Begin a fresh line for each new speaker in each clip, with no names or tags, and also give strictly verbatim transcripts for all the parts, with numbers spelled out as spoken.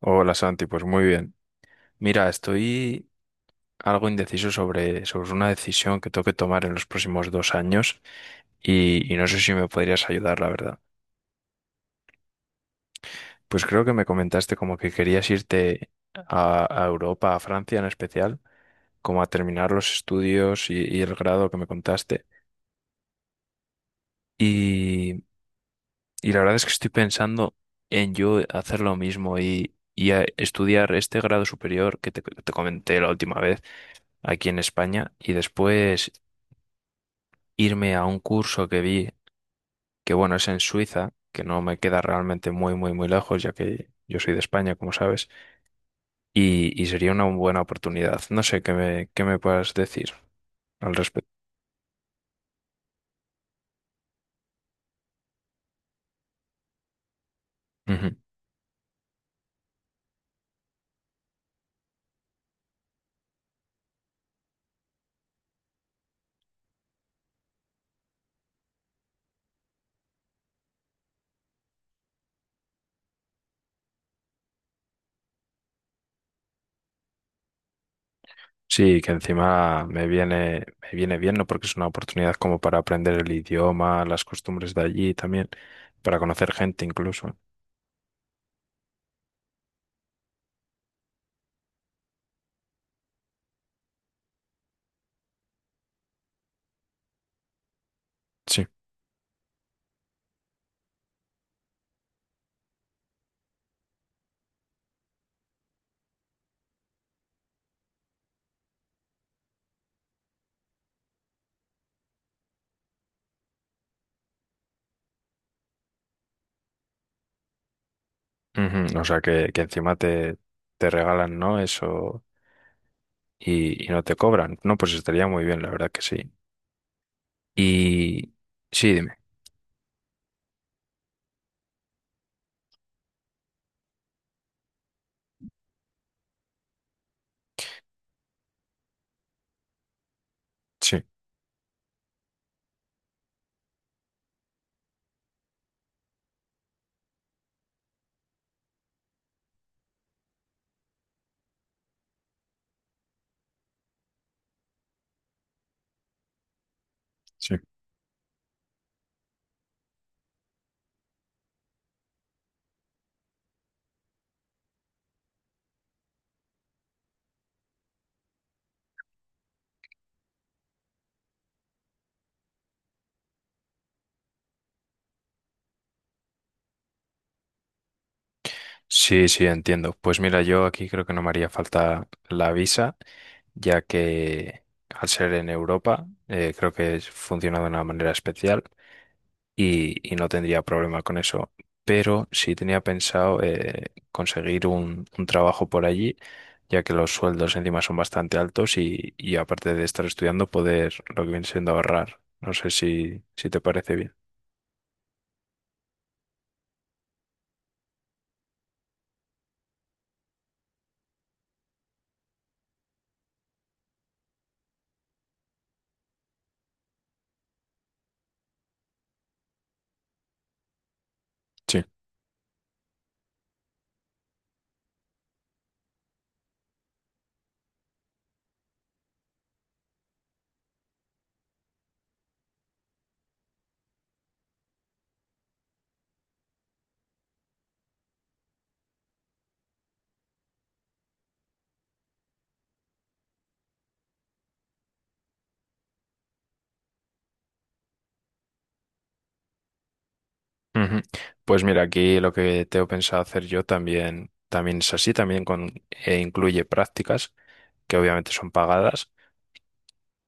Hola Santi, pues muy bien. Mira, estoy algo indeciso sobre, sobre una decisión que tengo que tomar en los próximos dos años y, y no sé si me podrías ayudar, la verdad. Pues creo que me comentaste como que querías irte a, a Europa, a Francia en especial, como a terminar los estudios y, y el grado que me contaste. Y, y la verdad es que estoy pensando en yo hacer lo mismo y, y a- estudiar este grado superior que te te comenté la última vez aquí en España y después irme a un curso que vi, que bueno, es en Suiza, que no me queda realmente muy, muy, muy lejos, ya que yo soy de España, como sabes, y, y sería una buena oportunidad. No sé qué me, qué me puedas decir al respecto. Ujú. Sí, que encima me viene, me viene bien, ¿no? Porque es una oportunidad como para aprender el idioma, las costumbres de allí también, para conocer gente incluso. Sí. Ujú. O sea, que, que encima te, te regalan, ¿no? Eso y, y no te cobran. No, pues estaría muy bien, la verdad que sí. Y sí, dime. Sí, sí. Sí, sí, entiendo. Pues mira, yo aquí creo que no me haría falta la visa, ya que al ser en Europa, eh, creo que es- funciona de una manera especial y, y no tendría problema con eso. Pero sí tenía pensado eh, conseguir un, un trabajo por allí, ya que los sueldos encima son bastante altos y, y aparte de estar estudiando, poder lo que viene siendo ahorrar. No sé si, si te parece bien. Sí. Ujú. Pues mira, aquí lo que tengo pensado hacer yo también, también es así, también con, e incluye prácticas, que obviamente son pagadas,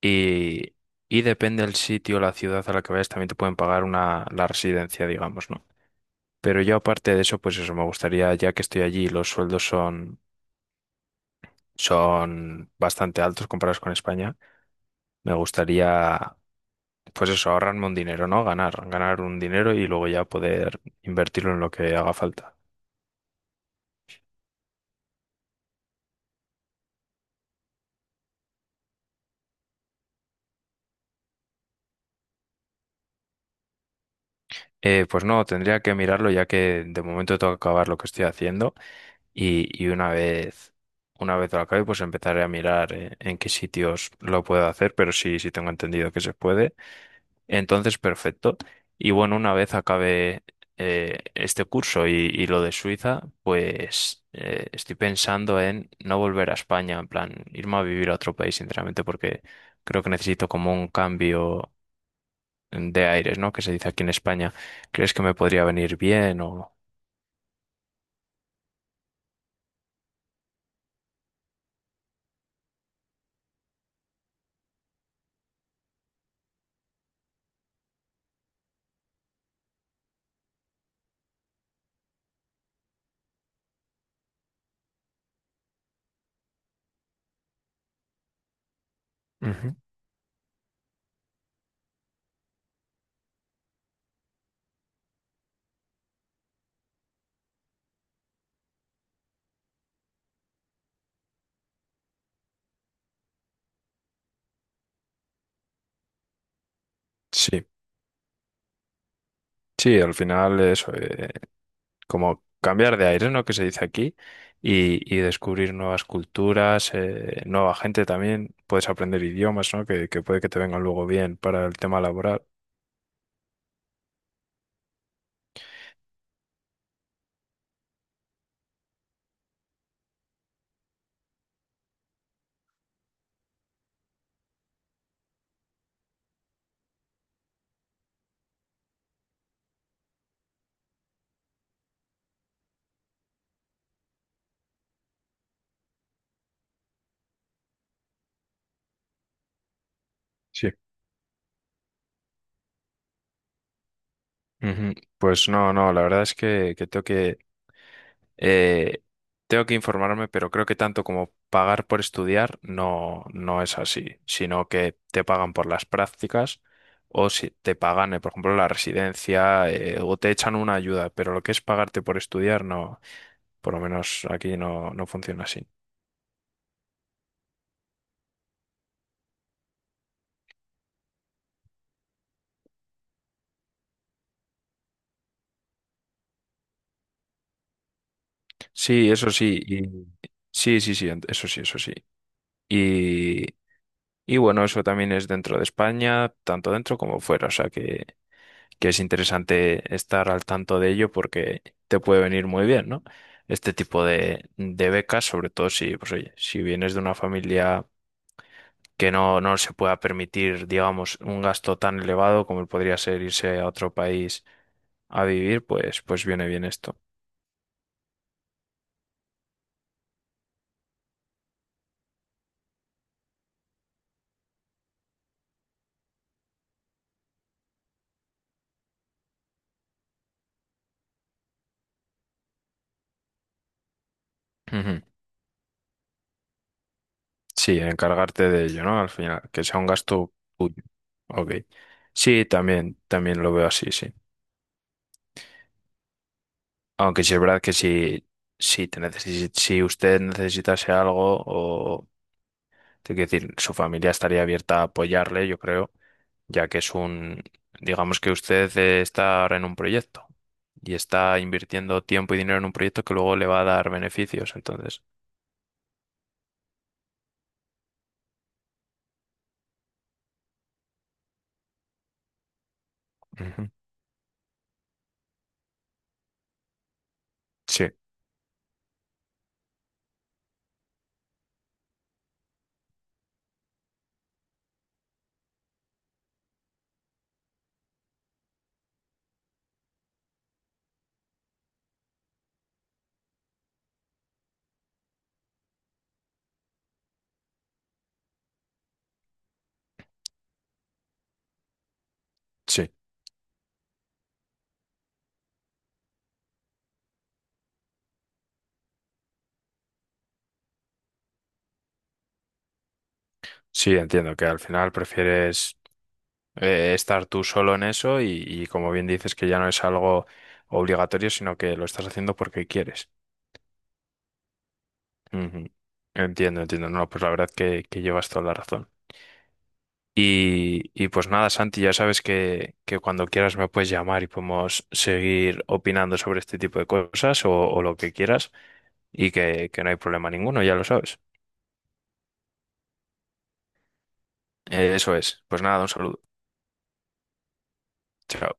y, y depende del sitio, la ciudad a la que vayas, también te pueden pagar una, la residencia, digamos, ¿no? Pero yo aparte de eso, pues eso, me gustaría, ya que estoy allí, los sueldos son, son bastante altos comparados con España, me gustaría, pues eso, ahorrarme un dinero, ¿no? Ganar, ganar un dinero y luego ya poder invertirlo en lo que haga falta. Eh, pues no, tendría que mirarlo ya que de momento tengo que acabar lo que estoy haciendo y, y una vez, una vez lo acabe, pues empezaré a mirar eh, en qué sitios lo puedo hacer, pero sí, sí tengo entendido que se puede. Entonces, perfecto. Y bueno, una vez acabe eh, este curso y, y lo de Suiza, pues eh, estoy pensando en no volver a España, en plan, irme a vivir a otro país, sinceramente, porque creo que necesito como un cambio de aires, ¿no? Que se dice aquí en España. ¿Crees que me podría venir bien o...? Ujú. Sí, sí, al final eso, eh, como cambiar de aire, ¿no? Que se dice aquí, y, y descubrir nuevas culturas, eh, nueva gente también, puedes aprender idiomas, ¿no? Que, que puede que te vengan luego bien para el tema laboral. Sí. Ujú. Pues no, no, la verdad es que, que tengo que, Eh, tengo que informarme, pero creo que tanto como pagar por estudiar no, no es así, sino que te pagan por las prácticas o si te pagan, eh, por ejemplo, la residencia eh, o te echan una ayuda, pero lo que es pagarte por estudiar no, por lo menos aquí no, no funciona así. Sí, eso sí, y- sí, sí, sí, ent- eso sí, eso sí. Y, y bueno, eso también es dentro de España, tanto dentro como fuera, o sea que que es interesante estar al tanto de ello porque te puede venir muy bien, ¿no? Este tipo de, de becas, sobre todo si, pues, oye, si vienes de una familia que no, no se pueda permitir, digamos, un gasto tan elevado como podría ser irse a otro país a vivir, pues, pues viene bien esto. Ujú. Sí, encargarte de ello, ¿no? Al final, que sea un gasto tuyo. Ok. Sí, también, también lo veo así, sí. Aunque sí es verdad que si, si, te necesi- si usted necesitase algo. Es decir, su familia estaría abierta a apoyarle, yo creo, ya que es un, digamos que usted eh, está ahora en un proyecto y está invirtiendo tiempo y dinero en un proyecto que luego le va a dar beneficios. Entonces. Ujú. Sí, sí, sí, entiendo que al final prefieres eh, estar tú solo en eso y, y como bien dices que ya no es algo obligatorio, sino que lo estás haciendo porque quieres. Ujú. Entiendo, entiendo. No, pues la verdad que, que llevas toda la razón. Y, y pues nada, Santi, ya sabes que, que cuando quieras me puedes llamar y podemos seguir opinando sobre este tipo de cosas o, o lo que quieras y que, que no hay problema ninguno, ya lo sabes. Eh, eso es. Pues nada, un saludo. Chao.